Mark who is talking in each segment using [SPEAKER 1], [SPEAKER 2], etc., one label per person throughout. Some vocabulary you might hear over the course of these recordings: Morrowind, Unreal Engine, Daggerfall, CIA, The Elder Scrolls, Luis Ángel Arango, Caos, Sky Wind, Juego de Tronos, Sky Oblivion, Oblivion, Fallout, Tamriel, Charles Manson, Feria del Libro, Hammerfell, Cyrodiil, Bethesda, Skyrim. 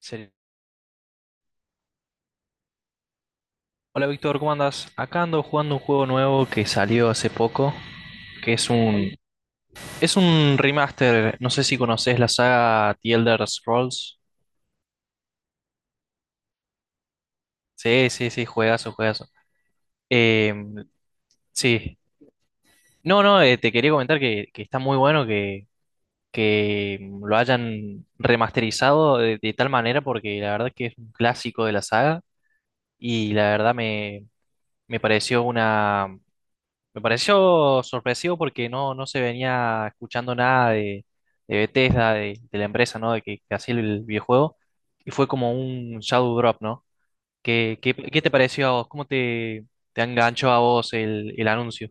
[SPEAKER 1] Sí. Hola Víctor, ¿cómo andas? Acá ando jugando un juego nuevo que salió hace poco, que es un remaster, no sé si conoces la saga The Elder Scrolls. Sí, sí, sí, juegazo, juegazo. Eh, sí. No, no, te quería comentar que está muy bueno que lo hayan remasterizado de tal manera porque la verdad que es un clásico de la saga y la verdad me pareció una. Me pareció sorpresivo porque no se venía escuchando nada de Bethesda, de la empresa, ¿no? De que hacía el videojuego. Y fue como un shadow drop, ¿no? ¿Qué, qué te pareció a vos? ¿Cómo te enganchó a vos el anuncio?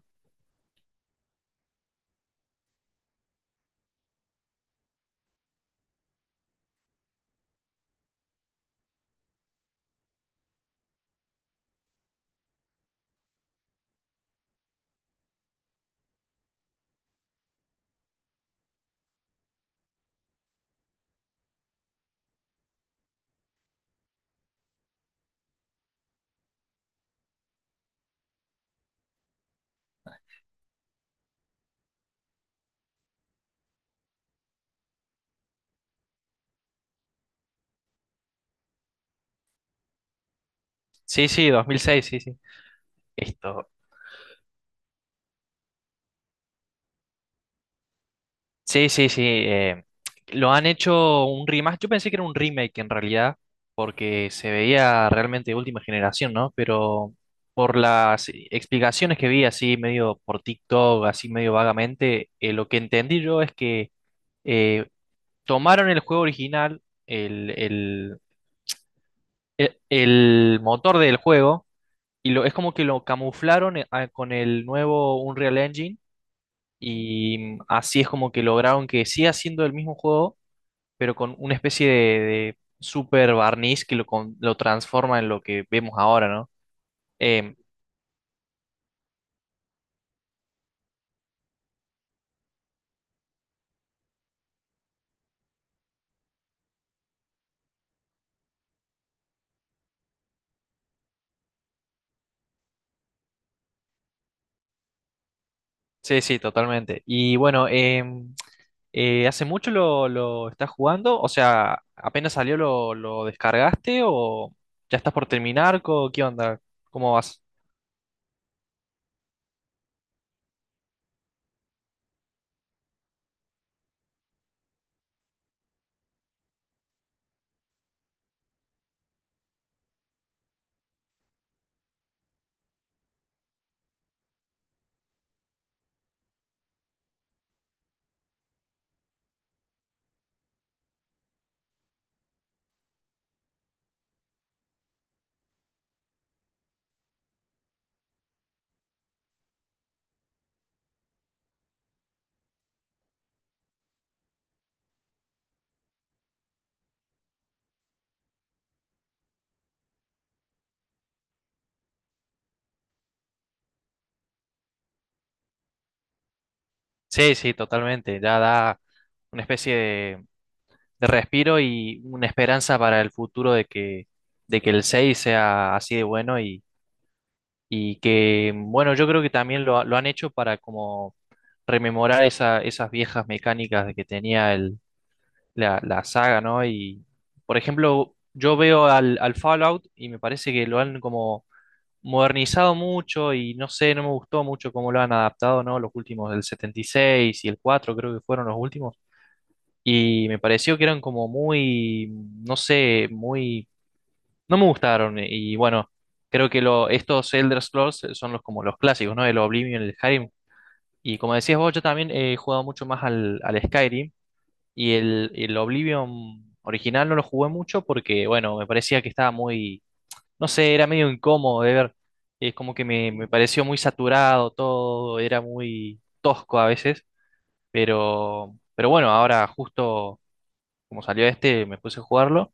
[SPEAKER 1] Sí, sí, 2006, sí, sí. Esto, sí, sí, sí. Lo han hecho un remake. Yo pensé que era un remake en realidad, porque se veía realmente de última generación, ¿no? Pero por las explicaciones que vi así medio por TikTok, así medio vagamente, lo que entendí yo es que eh, tomaron el juego original, el motor del juego, y es como que lo camuflaron con el nuevo Unreal Engine. Y así es como que lograron que siga siendo el mismo juego, pero con una especie de super barniz que lo transforma en lo que vemos ahora, ¿no? Em, sí, sí, totalmente. Y bueno, ¿hace mucho lo estás jugando? O sea, ¿apenas salió lo descargaste o ya estás por terminar? ¿Qué onda? ¿Cómo vas? Sí, sí, totalmente. Ya da una especie de respiro y una esperanza para el futuro de de que el 6 sea así de bueno. Y que, bueno, yo creo que también lo han hecho para como rememorar esas viejas mecánicas de que tenía la saga, ¿no? Y, por ejemplo, yo veo al Fallout y me parece que lo han como modernizado mucho y no sé, no me gustó mucho cómo lo han adaptado, ¿no? Los últimos del 76 y el 4 creo que fueron los últimos. Y me pareció que eran como muy, no sé, muy, no me gustaron, y bueno, creo que lo, estos Elder Scrolls son los como los clásicos, ¿no? El Oblivion, el Skyrim. Y como decías vos, yo también he jugado mucho más al Skyrim, y el Oblivion original no lo jugué mucho porque, bueno, me parecía que estaba muy, no sé, era medio incómodo de ver. Es como que me pareció muy saturado todo, era muy tosco a veces, pero bueno, ahora justo como salió este, me puse a jugarlo.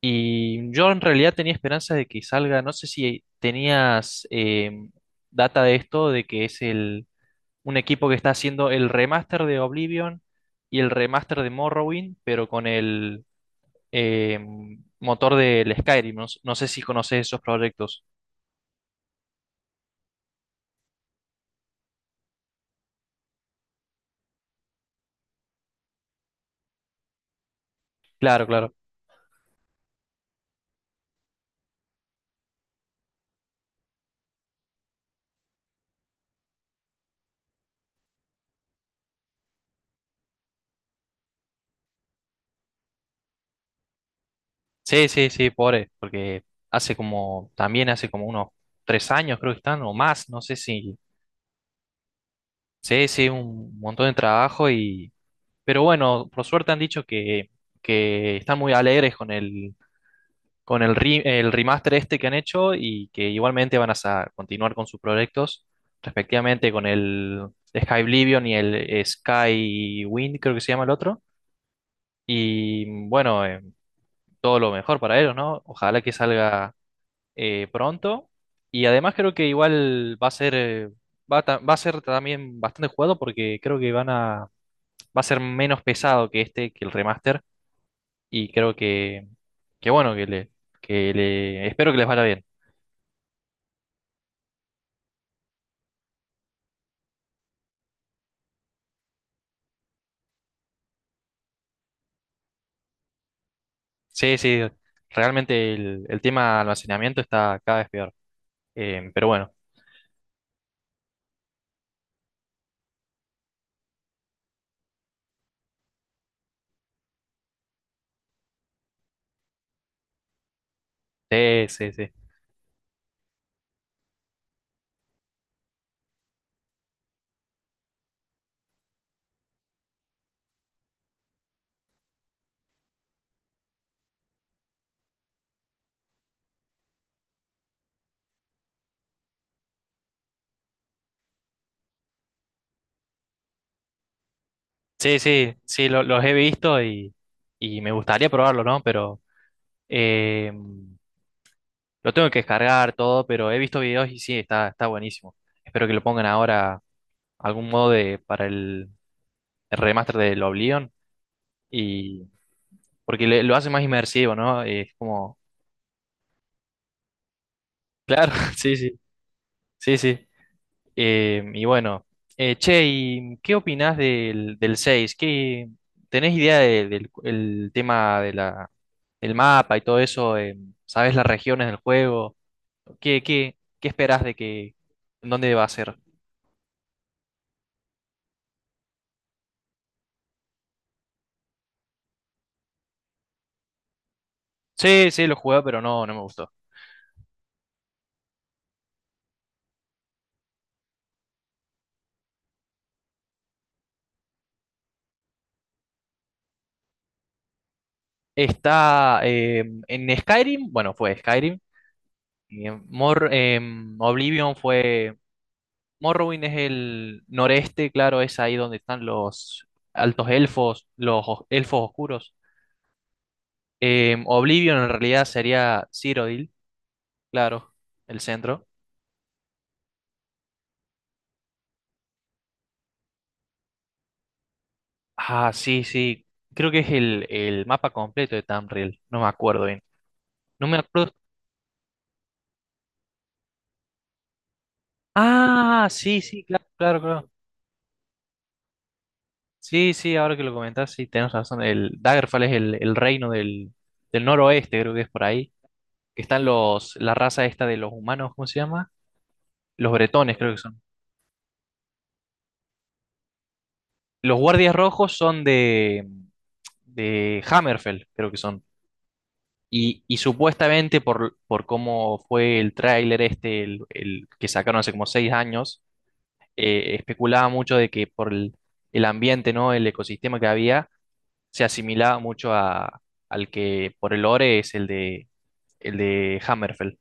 [SPEAKER 1] Y yo en realidad tenía esperanza de que salga, no sé si tenías data de esto, de que es el, un equipo que está haciendo el remaster de Oblivion y el remaster de Morrowind, pero con el eh, motor del Skyrim. No, no sé si conoces esos proyectos. Claro, claro. Sí, sí, sí, pobre, porque hace como, también hace como unos 3 años creo que están, o más, no sé si. Sí, sí, un montón de trabajo. Pero bueno, por suerte han dicho que están muy alegres con el remaster este que han hecho y que igualmente van a continuar con sus proyectos, respectivamente con el Sky Oblivion y el Sky Wind, creo que se llama el otro. Y bueno, todo lo mejor para ellos, ¿no? Ojalá que salga pronto. Y además creo que igual va a ser, va a ser también bastante jugado porque creo que van a, va a ser menos pesado que este, que el remaster y creo que bueno, que le, espero que les vaya bien. Sí, sí, realmente el tema almacenamiento está cada vez peor. Pero bueno, sí, sí, sí. Sí, sí, sí, los he visto y me gustaría probarlo, ¿no? Pero eh, lo tengo que descargar todo, pero he visto videos y sí, está, está buenísimo. Espero que lo pongan ahora algún modo de, para el remaster del Oblivion y porque lo hace más inmersivo, ¿no? Es como, claro, sí, sí, sí, sí. Eh, y bueno, Che, ¿y qué opinás del, del seis? ¿Qué, ¿tenés idea del el tema de la, del mapa y todo eso? ¿Sabés las regiones del juego? ¿Qué, qué, qué esperás de que, dónde va a ser? Sí, sí, lo jugué, pero no, no me gustó. Está en Skyrim, bueno, fue Skyrim. Y en Oblivion fue. Morrowind es el noreste, claro, es ahí donde están los altos elfos, los elfos oscuros. Oblivion en realidad sería Cyrodiil, claro, el centro. Ah, sí, sí. Creo que es el mapa completo de Tamriel. No me acuerdo bien. No me acuerdo. Ah, sí, sí, claro, claro, claro. Sí, sí, ahora que lo comentas, sí, tenés razón. El Daggerfall es el reino del, del noroeste, creo que es por ahí. Que están los, la raza esta de los humanos, ¿cómo se llama? Los bretones, creo que son. Los guardias rojos son de Hammerfell, creo que son. Y supuestamente por cómo fue el tráiler este, el que sacaron hace como 6 años, especulaba mucho de que por el ambiente, ¿no? El ecosistema que había, se asimilaba mucho a, al que por el lore es el de Hammerfell.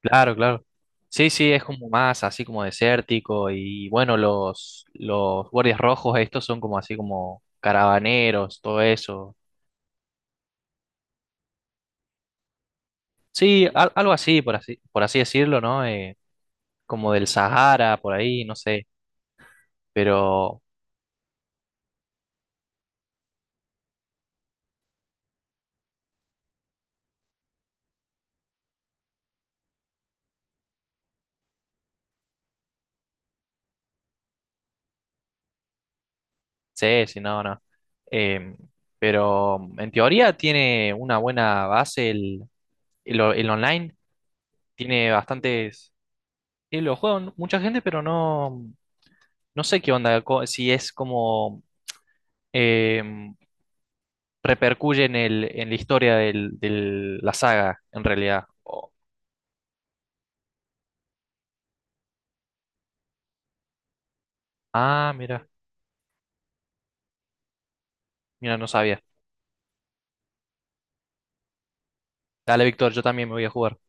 [SPEAKER 1] Claro, claro. Sí, sí, es como más así como desértico y bueno, los guardias rojos estos son como así como caravaneros, todo eso. Sí, algo así, por así, por así decirlo, ¿no? Como del Sahara, por ahí, no sé, pero sí, si no, no. Em, pero en teoría tiene una buena base el online, tiene bastantes, lo juegan mucha gente, pero no, no sé qué onda, si es como em, repercuye en en la historia la saga, en realidad. Ah, mira, mira, no sabía. Dale, Víctor, yo también me voy a jugar. Nos